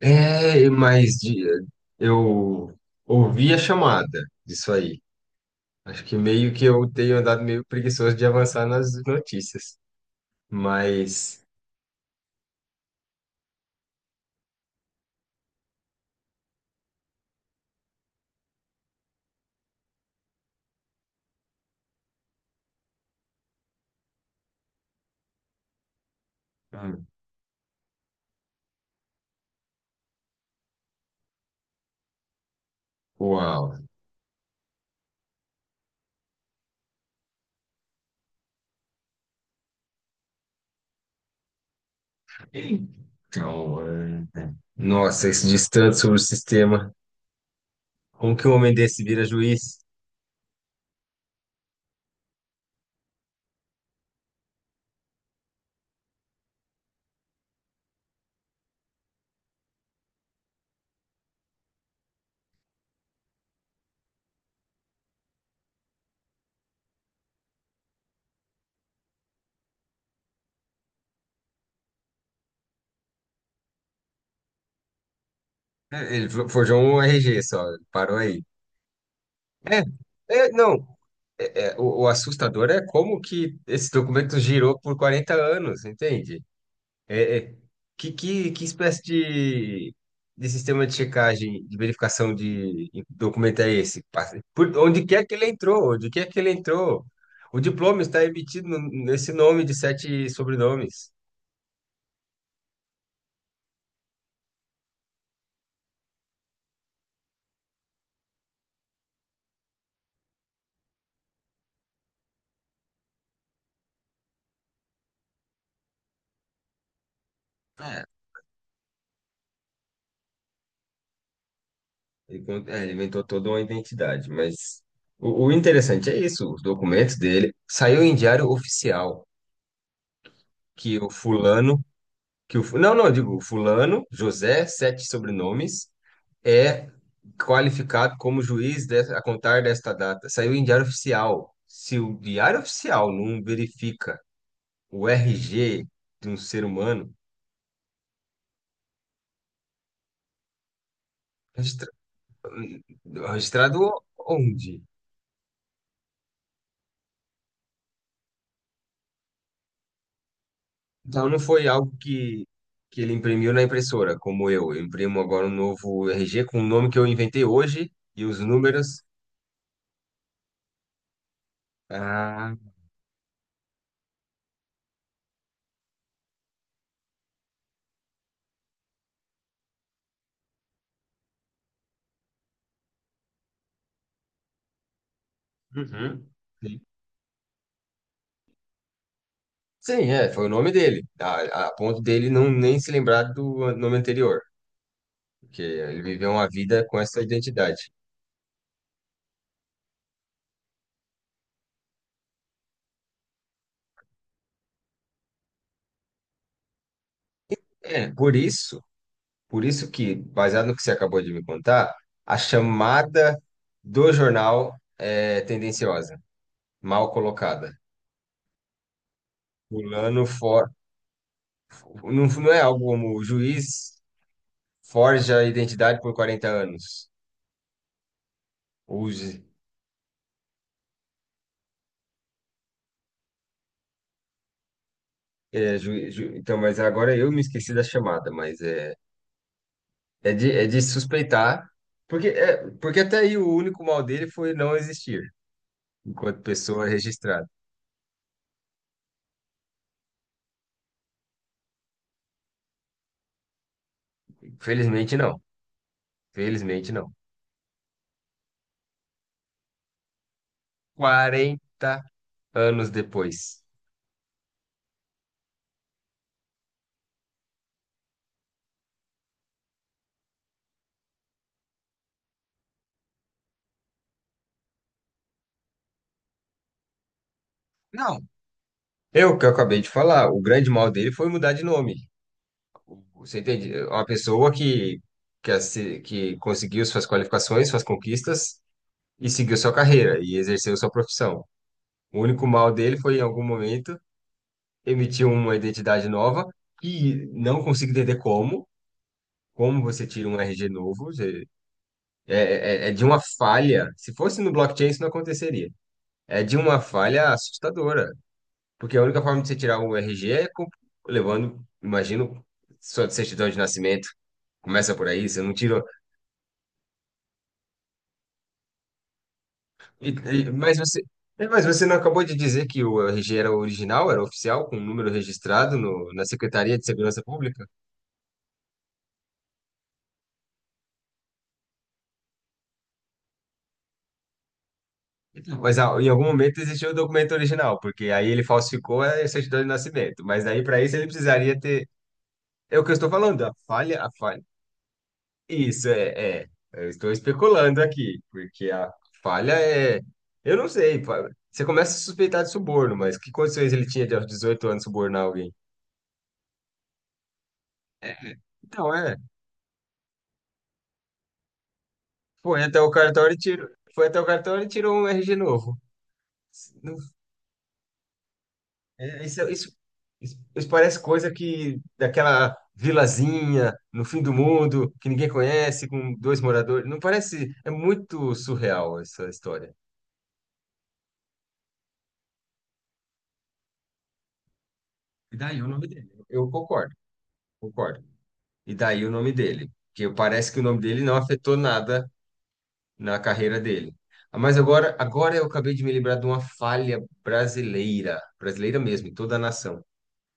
É, mas eu ouvi a chamada disso aí. Acho que meio que eu tenho andado meio preguiçoso de avançar nas notícias. Mas, hum. Uau. Então, é. Nossa, esse distante sobre o sistema. Como que um homem desse vira juiz? É, ele forjou um RG só, parou aí. É, não, é, o assustador é como que esse documento girou por 40 anos, entende? É, é, que espécie de, sistema de checagem, de verificação de documento é esse? Por onde quer que ele entrou, onde quer que ele entrou. O diploma está emitido nesse nome de sete sobrenomes. É, ele inventou toda uma identidade, mas o interessante é isso: os documentos dele saiu em diário oficial que o fulano, não, não, eu digo, fulano, José, sete sobrenomes, é qualificado como juiz a contar desta data. Saiu em diário oficial. Se o diário oficial não verifica o RG de um ser humano, registra- registrado onde? Então não foi algo que ele imprimiu na impressora, como eu. Eu imprimo agora um novo RG com o nome que eu inventei hoje e os números. Ah. Uhum. Sim, é, foi o nome dele, a ponto dele não nem se lembrar do nome anterior, que ele viveu uma vida com essa identidade. É, por isso que, baseado no que você acabou de me contar, a chamada do jornal é tendenciosa, mal colocada. Fulano for... Não, não é algo como "o juiz forja a identidade por 40 anos". Use. É, então, mas agora eu me esqueci da chamada, mas é, é de suspeitar, porque até aí o único mal dele foi não existir enquanto pessoa registrada. Felizmente não. Felizmente não. 40 anos depois. Não, Eu que eu acabei de falar, o grande mal dele foi mudar de nome. Você entende? Uma pessoa que conseguiu suas qualificações, suas conquistas e seguiu sua carreira e exerceu sua profissão. O único mal dele foi, em algum momento, emitir uma identidade nova, e não consigo entender como. Como você tira um RG novo? É, é de uma falha. Se fosse no blockchain, isso não aconteceria. É de uma falha assustadora, porque a única forma de você tirar o RG é levando, imagino, sua certidão de nascimento. Começa por aí: você não tirou. E- e- mas você, mas você não acabou de dizer que o RG era original, era oficial, com o número registrado na Secretaria de Segurança Pública? Então, mas em algum momento existiu o documento original, porque aí ele falsificou a certidão de nascimento. Mas aí, para isso, ele precisaria ter. É o que eu estou falando, a falha, a falha. Isso é. Eu estou especulando aqui, porque a falha é. Eu não sei. Você começa a suspeitar de suborno, mas que condições ele tinha de, aos 18 anos, subornar alguém? Então, é. Foi até o cartório e tirou. Foi até o cartório e tirou um RG novo. Não- é, Isso, isso, isso parece coisa que daquela vilazinha no fim do mundo que ninguém conhece, com dois moradores. Não parece. É muito surreal essa história. E daí o nome dele. Eu concordo, concordo. E daí o nome dele, que parece que o nome dele não afetou nada na carreira dele. Ah, mas agora, eu acabei de me lembrar de uma falha brasileira, brasileira mesmo, em toda a nação.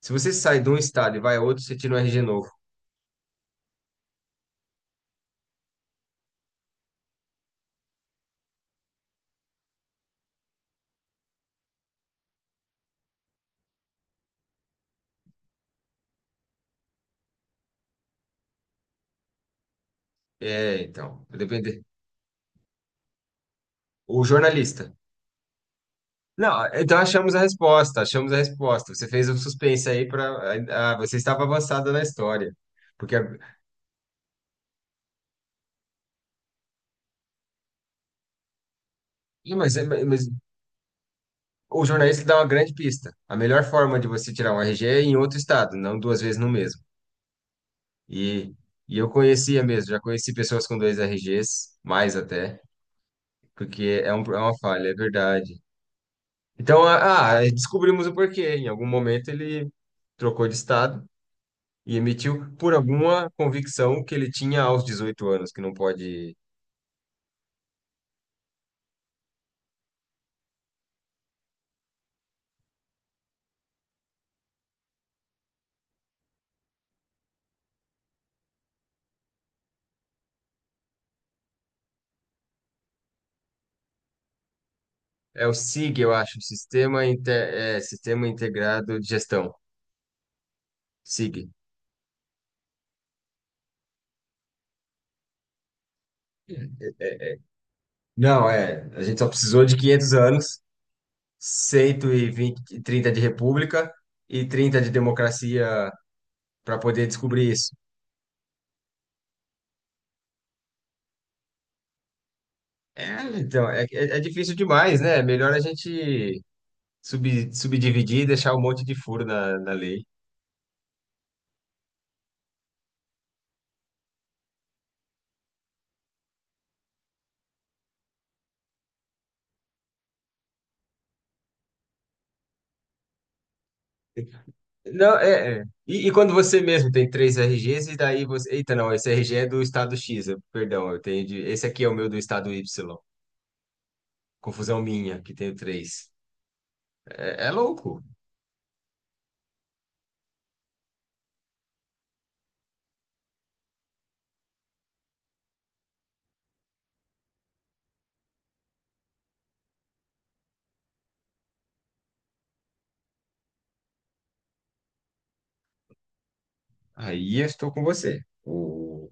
Se você sai de um estado e vai a outro, você tira um RG novo. É, então, depende. O jornalista. Não, então achamos a resposta, achamos a resposta. Você fez um suspense aí para, você estava avançada na história. Porque, Ih, mas o jornalista dá uma grande pista. A melhor forma de você tirar um RG é em outro estado, não duas vezes no mesmo. E, e eu conhecia mesmo, já conheci pessoas com dois RGs, mais até, porque é uma falha, é verdade. Então, descobrimos o porquê. Em algum momento ele trocou de estado e emitiu por alguma convicção que ele tinha aos 18 anos, que não pode. É o SIG, eu acho, Sistema, Sistema Integrado de Gestão, SIG. Não, é. A gente só precisou de 500 anos, 120, 30 de república e 30 de democracia para poder descobrir isso. É, então, é difícil demais, né? É melhor a gente subdividir e deixar um monte de furo na lei. Não, é. E quando você mesmo tem três RGs, e daí você... Eita, não, esse RG é do estado X, perdão, eu tenho de... Esse aqui é o meu do estado Y. Confusão minha, que tenho três. É louco. Aí eu estou com você. O...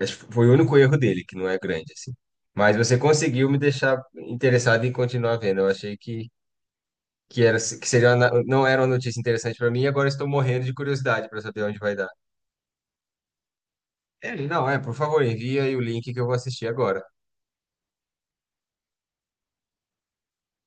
Acho que foi o único erro dele, que não é grande, assim. Mas você conseguiu me deixar interessado em continuar vendo. Eu achei que era que seria uma não era uma notícia interessante para mim, e agora estou morrendo de curiosidade para saber onde vai dar. É, não, é, por favor, envia aí o link que eu vou assistir agora.